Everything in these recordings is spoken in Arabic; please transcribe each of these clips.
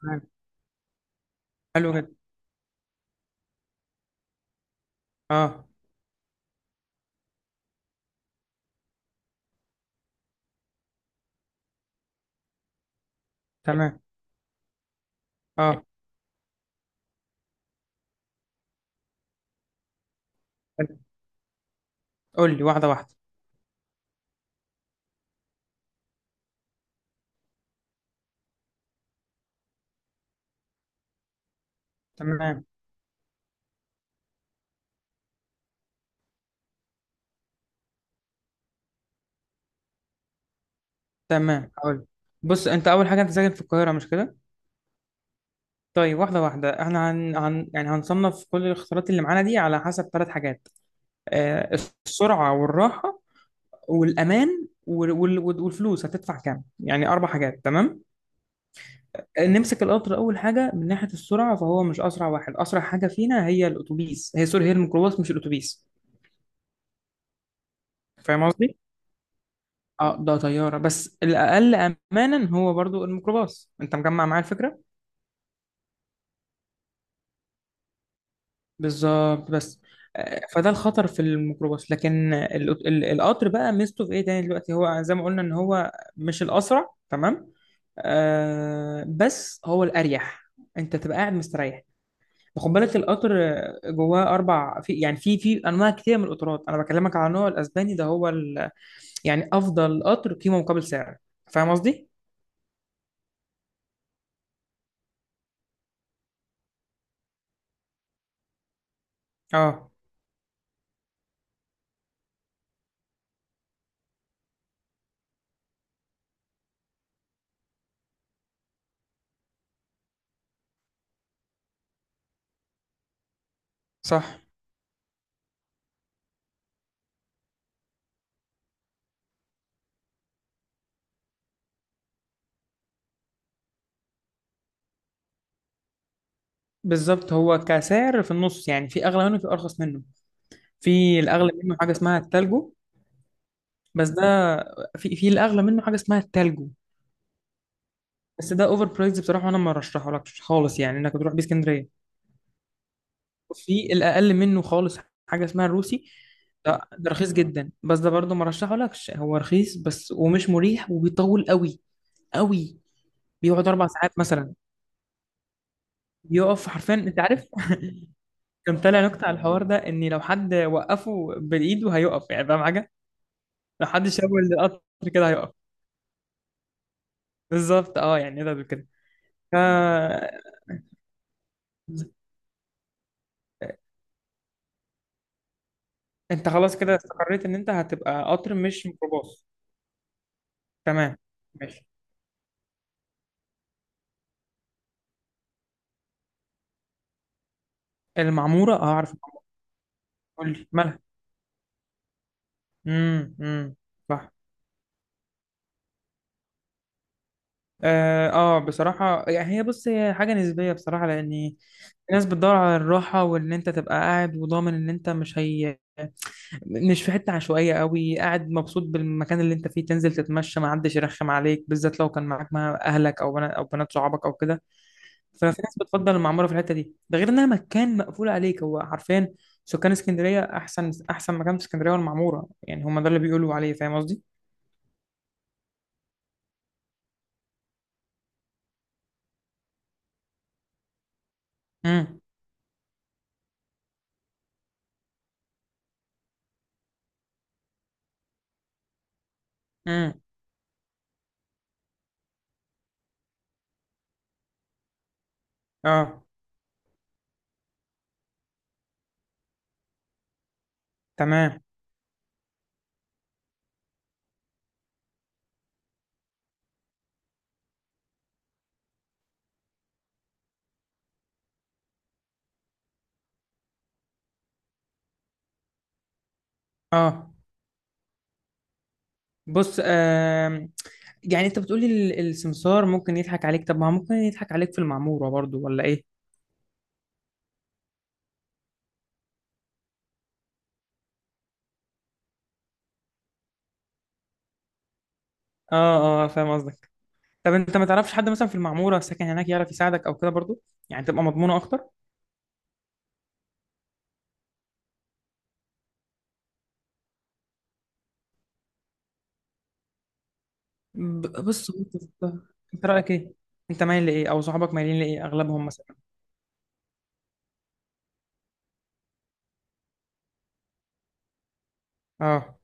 تمام. حلو جدا. اه، تمام. اه، حلو. قول لي واحده واحده. تمام، تمام، هقول، بص، انت اول حاجه، انت ساكن في القاهره مش كده؟ طيب، واحده واحده. احنا يعني هنصنف كل الاختيارات اللي معانا دي على حسب ثلاث حاجات. آه، السرعه والراحه والامان والفلوس هتدفع كام؟ يعني اربع حاجات. تمام؟ نمسك القطر اول حاجه. من ناحيه السرعه، فهو مش اسرع واحد. اسرع حاجه فينا هي الاتوبيس، هي، سوري، هي الميكروباص مش الاتوبيس. فاهم قصدي؟ اه، ده طيارة بس الأقل أمانا هو برضو الميكروباص. أنت مجمع معايا الفكرة؟ بالظبط. بس فده الخطر في الميكروباص، لكن القطر بقى ميزته في إيه تاني دلوقتي؟ هو زي ما قلنا إن هو مش الأسرع، تمام؟ آه، بس هو الأريح. أنت تبقى قاعد مستريح. خد بالك، القطر جواه أربع في يعني في في أنواع كتير من القطارات. أنا بكلمك على النوع الأسباني، يعني أفضل قطر قيمة مقابل سعر. فاهم قصدي؟ اه، صح. بالظبط، هو كسعر في النص، يعني في اغلى منه، في ارخص منه. في الاغلى منه حاجه اسمها التالجو بس ده في الاغلى منه حاجه اسمها التالجو. بس ده اوفر برايز بصراحه، وانا ما رشحهولكش خالص يعني انك تروح بيه اسكندريه. في الاقل منه خالص حاجه اسمها الروسي. ده رخيص جدا. بس ده برضه ما رشحهولكش، هو رخيص بس ومش مريح وبيطول قوي قوي. بيقعد 4 ساعات مثلا. بيقف حرفيا، انت عارف؟ كان طالع نكته على الحوار ده، ان لو حد وقفه بالايد وهيقف، يعني فاهم؟ لو حد شاور القطر كده هيقف. بالظبط، اه. يعني إيه ده كده؟ ف... انت خلاص كده استقريت ان انت هتبقى قطر مش ميكروباص. تمام. ماشي. المعمورة؟ اه، عارف المعمورة. قول لي مالها. امم، امم. صح، اه. بصراحة يعني هي، بص، هي حاجة نسبية بصراحة، لأن الناس بتدور على الراحة، وإن أنت تبقى قاعد وضامن إن أنت مش، هي مش في حتة عشوائية قوي، قاعد مبسوط بالمكان اللي انت فيه، تنزل تتمشى ما حدش يرخم عليك، بالذات لو كان معاك مع اهلك او بنات او بنات صحابك او كده. ففي ناس بتفضل المعمورة في الحتة دي. ده غير انها مكان مقفول عليك. هو حرفيا سكان اسكندرية احسن احسن مكان في اسكندرية والمعمورة، يعني هم ده اللي بيقولوا عليه. فاهم قصدي؟ امم، امم. اه، تمام. اه، بص. يعني انت بتقولي السمسار ممكن يضحك عليك؟ طب ما هو ممكن يضحك عليك في المعمورة برضو، ولا ايه؟ اه، اه، فاهم قصدك. طب انت ما تعرفش حد مثلا في المعموره ساكن هناك يعرف يساعدك او كده برضو؟ يعني تبقى مضمونه اكتر. بص، هو انت رايك ايه؟ انت مايل لايه او صحابك مايلين لايه اغلبهم مثلا؟ اه،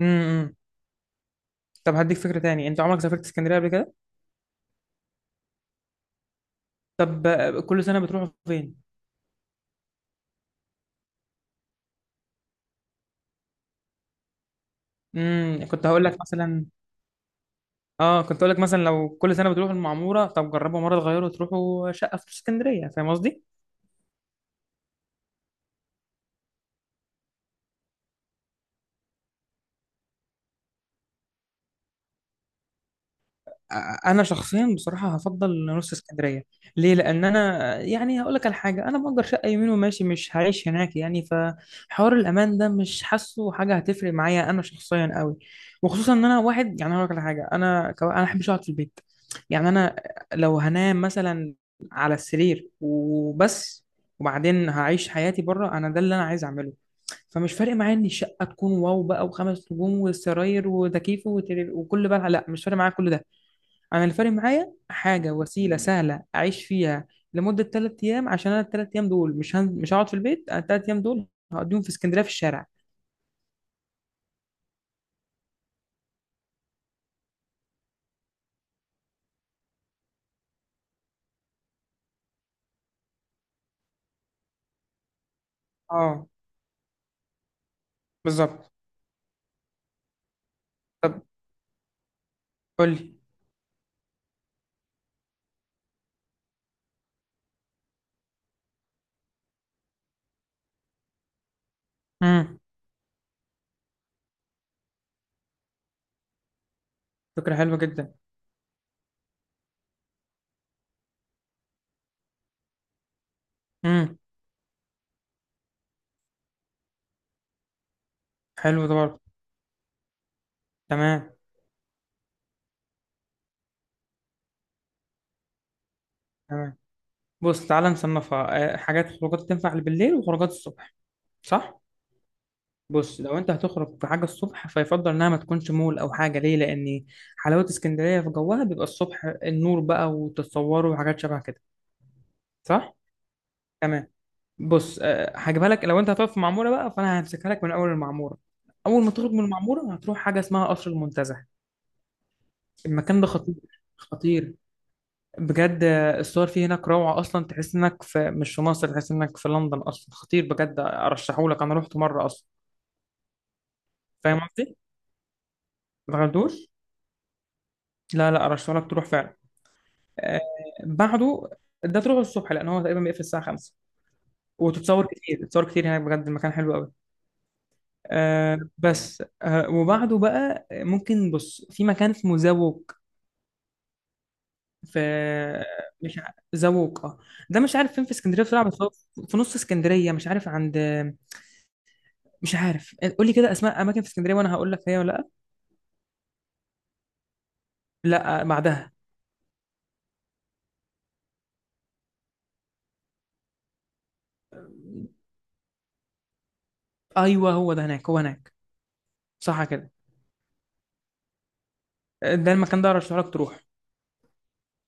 امم. طب هديك فكره تاني، انت عمرك سافرت اسكندريه قبل كده؟ طب كل سنه بتروحوا فين؟ امم، كنت هقول لك مثلا، لو كل سنه بتروحوا المعموره، طب جربوا مره تغيروا تروحوا شقه في اسكندريه. فاهم قصدي؟ انا شخصيا بصراحه هفضل نص اسكندريه. ليه؟ لان انا، يعني هقول لك على حاجه، انا مأجر شقه يمين وماشي مش هعيش هناك يعني، فحوار الامان ده مش حاسه حاجه هتفرق معايا انا شخصيا قوي. وخصوصا ان انا واحد، يعني هقول لك على حاجه، انا انا احبش اقعد في البيت. يعني انا، لو هنام مثلا على السرير وبس، وبعدين هعيش حياتي بره، انا ده اللي انا عايز اعمله. فمش فارق معايا ان الشقه تكون واو بقى وخمس نجوم والسراير وتكييف وكل بقى، لا، مش فارق معايا كل ده. انا الفرق معايا حاجه وسيله سهله اعيش فيها لمده 3 ايام، عشان انا الثلاث ايام دول مش هقعد في البيت. انا الثلاث ايام دول هقضيهم في اسكندريه في الشارع. اه، بالظبط. طب قول لي. امم. فكره حلوه جدا. امم. حلو ده برضه. تمام. تمام، بص تعالى نصنفها حاجات، خروجات تنفع بالليل وخروجات الصبح. صح. بص، لو انت هتخرج في حاجه الصبح، فيفضل انها ما تكونش مول او حاجه. ليه؟ لان حلاوه اسكندريه في جوها بيبقى الصبح، النور بقى وتتصوروا وحاجات شبه كده. صح. تمام، بص هجيبها لك. لو انت هتقف في معموره بقى، فانا همسكها لك من اول المعموره. اول ما تخرج من المعموره هتروح حاجه اسمها قصر المنتزه. المكان ده خطير. خطير بجد. الصور فيه هناك روعه اصلا، تحس انك في، مش في مصر، تحس انك في لندن اصلا. خطير بجد، ارشحه لك، انا رحت مره اصلا. فاهم قصدي؟ ما غلطوش. لا، لا، ارشحه لك تروح فعلا. آه، بعده ده تروح الصبح، لان هو تقريبا بيقفل الساعه 5. وتتصور كتير، تتصور كتير هناك بجد، المكان حلو قوي. آه، بس آه، وبعده بقى ممكن، بص، في مكان اسمه زوق. في مش ع- زوق، اه. ده مش عارف فين في اسكندريه بصراحه، بس هو في نص اسكندريه. مش عارف عند، مش عارف، قول لي كده اسماء اماكن في اسكندريه وانا هقول لك هي ولا لا. لا، بعدها. ايوه، هو ده هناك، هو هناك. صح كده. ده المكان ده ارشح لك تروح.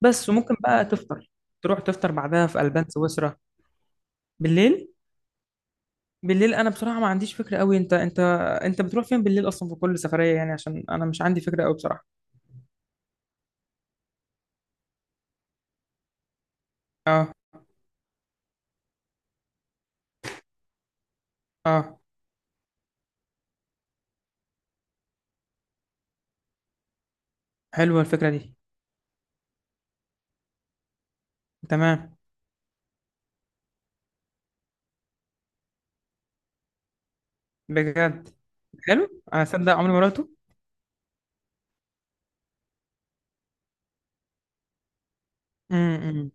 بس وممكن بقى تفطر بعدها في البان سويسرا. بالليل؟ بالليل انا بصراحه ما عنديش فكره قوي. انت بتروح فين بالليل اصلا في كل سفريه يعني؟ عشان انا مش عندي فكره قوي بصراحه. اه، اه، حلوه الفكره دي. تمام بجد. حلو، انا صدق عمري ما رحته. امم.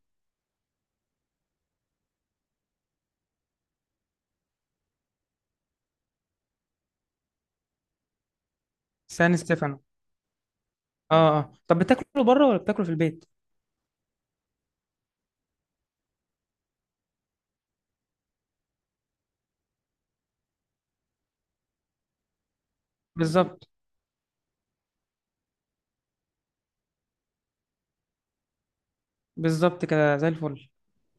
سان ستيفانو. اه، اه، طب بتاكلوا بره ولا بتاكلوا في البيت؟ بالظبط. بالظبط كده زي الفل.